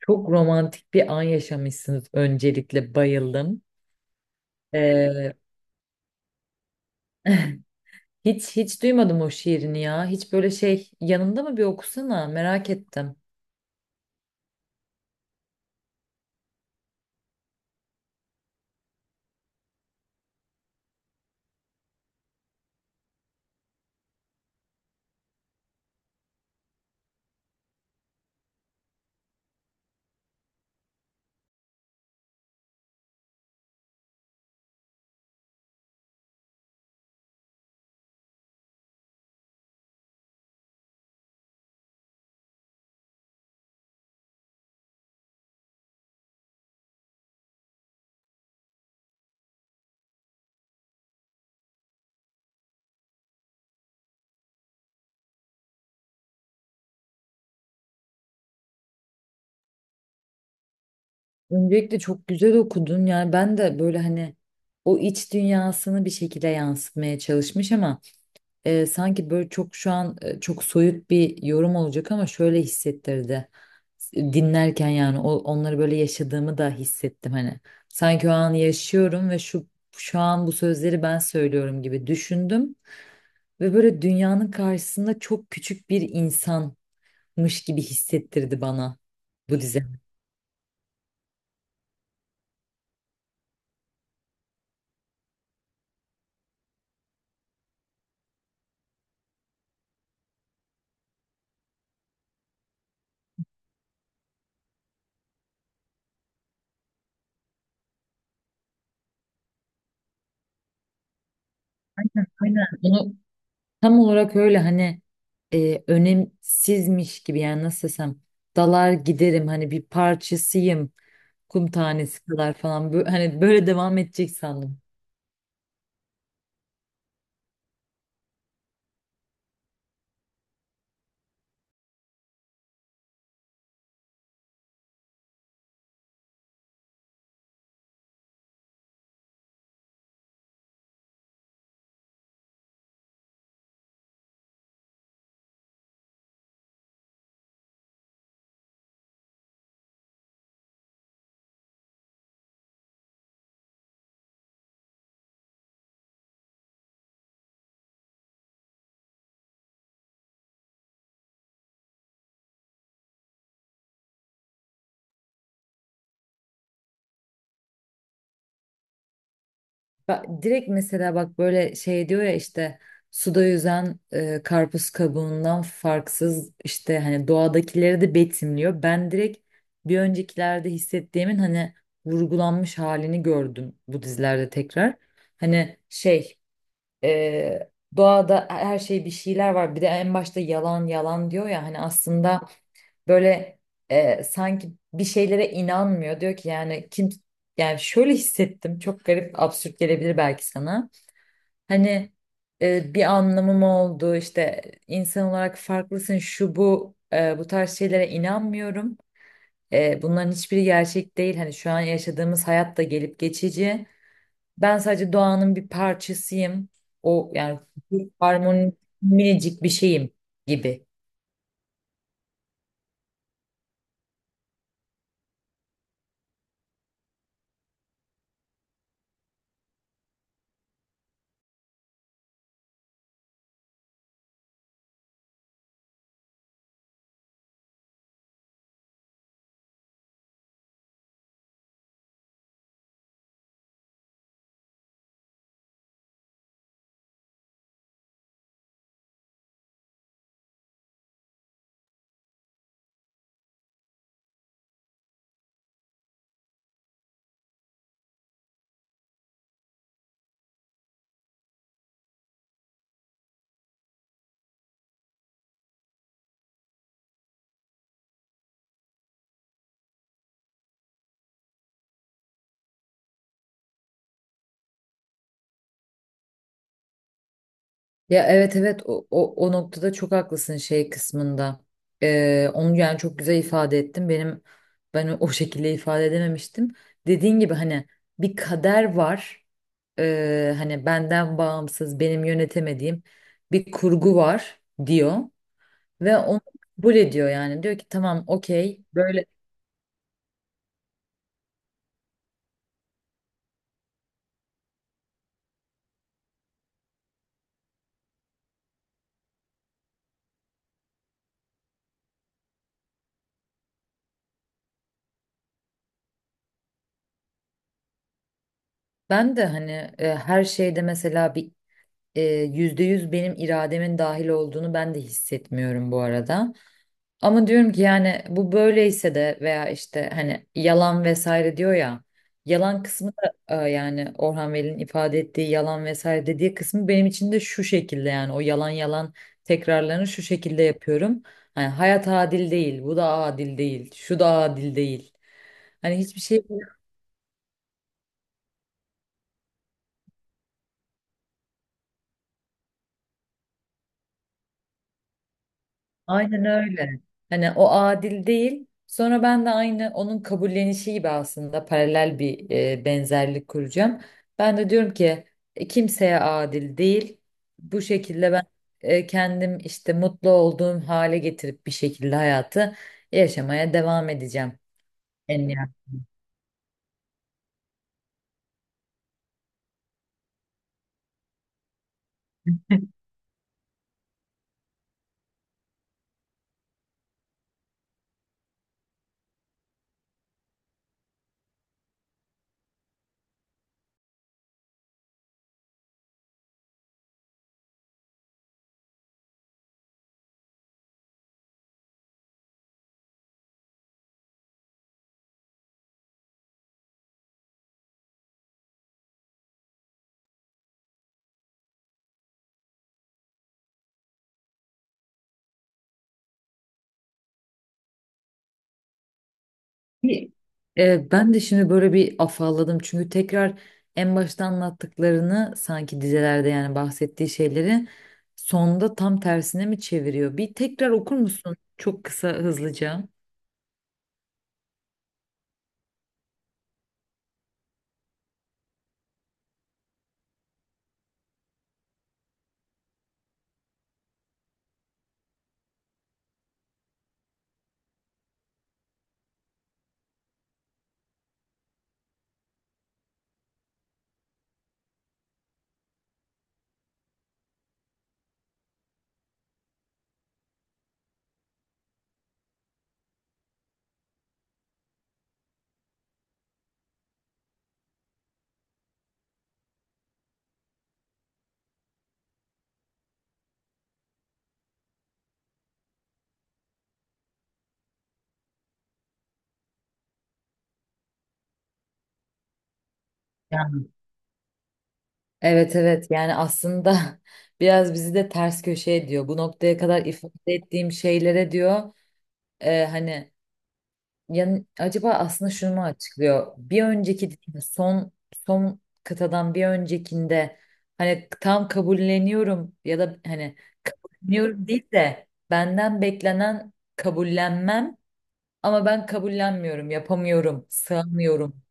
Çok romantik bir an yaşamışsınız, öncelikle bayıldım. Ee, hiç duymadım o şiirini ya. Hiç böyle şey, yanında mı, bir okusana, merak ettim. Öncelikle çok güzel okudun, yani ben de böyle hani o iç dünyasını bir şekilde yansıtmaya çalışmış ama sanki böyle çok şu an çok soyut bir yorum olacak ama şöyle hissettirdi. Dinlerken yani onları böyle yaşadığımı da hissettim hani. Sanki o anı yaşıyorum ve şu an bu sözleri ben söylüyorum gibi düşündüm ve böyle dünyanın karşısında çok küçük bir insanmış gibi hissettirdi bana bu dizi. Aynen. Bunu tam olarak öyle hani önemsizmiş gibi, yani nasıl desem, dalar giderim, hani bir parçasıyım, kum tanesi kadar falan. Hani böyle devam edecek sandım. Direkt mesela bak, böyle şey diyor ya işte, suda yüzen karpuz kabuğundan farksız, işte hani doğadakileri de betimliyor. Ben direkt bir öncekilerde hissettiğimin hani vurgulanmış halini gördüm bu dizilerde tekrar. Hani şey Ee, Doğada her şey, bir şeyler var. Bir de en başta yalan yalan diyor ya, hani aslında böyle sanki bir şeylere inanmıyor. Diyor ki yani kim Yani şöyle hissettim. Çok garip, absürt gelebilir belki sana. Hani bir anlamım oldu işte, insan olarak farklısın, şu bu, bu tarz şeylere inanmıyorum. Bunların hiçbiri gerçek değil. Hani şu an yaşadığımız hayat da gelip geçici. Ben sadece doğanın bir parçasıyım. O yani bir harmoni, minicik bir şeyim gibi. Ya, evet evet, o noktada çok haklısın şey kısmında. Onu yani çok güzel ifade ettin. Ben o şekilde ifade edememiştim. Dediğin gibi hani bir kader var. Hani benden bağımsız, benim yönetemediğim bir kurgu var diyor ve onu kabul ediyor yani. Diyor ki tamam, okey, böyle. Ben de hani her şeyde mesela bir e, %100 benim irademin dahil olduğunu ben de hissetmiyorum bu arada. Ama diyorum ki yani bu böyleyse de, veya işte hani yalan vesaire diyor ya, yalan kısmı da yani Orhan Veli'nin ifade ettiği yalan vesaire dediği kısmı benim için de şu şekilde. Yani o yalan yalan tekrarlarını şu şekilde yapıyorum. Hani hayat adil değil, bu da adil değil, şu da adil değil. Hani hiçbir şey Aynen öyle. Hani o adil değil. Sonra ben de aynı onun kabullenişi gibi aslında paralel bir benzerlik kuracağım. Ben de diyorum ki kimseye adil değil. Bu şekilde ben kendim işte mutlu olduğum hale getirip bir şekilde hayatı yaşamaya devam edeceğim. Bir- Ben de şimdi böyle bir afalladım, çünkü tekrar en başta anlattıklarını, sanki dizelerde yani bahsettiği şeyleri sonda tam tersine mi çeviriyor? Bir tekrar okur musun? Çok kısa, hızlıca. Ya. Evet evet, yani aslında biraz bizi de ters köşe ediyor. Bu noktaya kadar ifade ettiğim şeylere diyor hani. Yani acaba aslında şunu mu açıklıyor? Bir önceki, son son kıtadan bir öncekinde, hani tam kabulleniyorum, ya da hani kabulleniyorum değil de benden beklenen kabullenmem, ama ben kabullenmiyorum, yapamıyorum, sığamıyorum.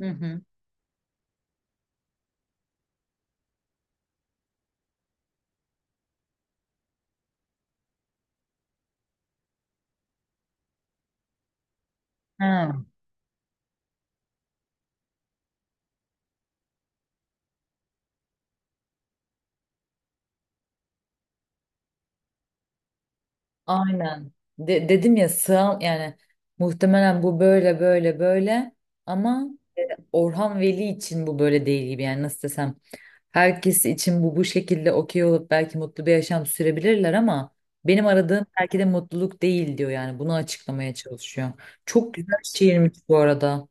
Hı hı. Ha, aynen. Dedim ya, sığam yani, muhtemelen bu böyle, böyle, böyle, ama Orhan Veli için bu böyle değil gibi. Yani nasıl desem, herkes için bu şekilde okey olup belki mutlu bir yaşam sürebilirler ama benim aradığım belki de mutluluk değil diyor yani, bunu açıklamaya çalışıyor. Çok güzel şiirmiş bu arada.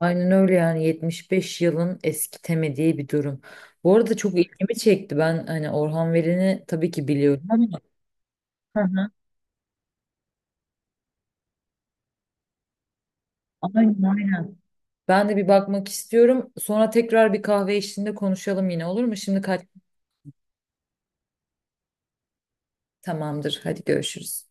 Aynen öyle, yani 75 yılın eskitemediği bir durum. Bu arada çok ilgimi çekti. Ben hani Orhan Veli'ni tabii ki biliyorum ama. Hı hı. Aynen aynen. Ben de bir bakmak istiyorum. Sonra tekrar bir kahve eşliğinde konuşalım yine, olur mu? Şimdi kaç Tamamdır. Hadi görüşürüz.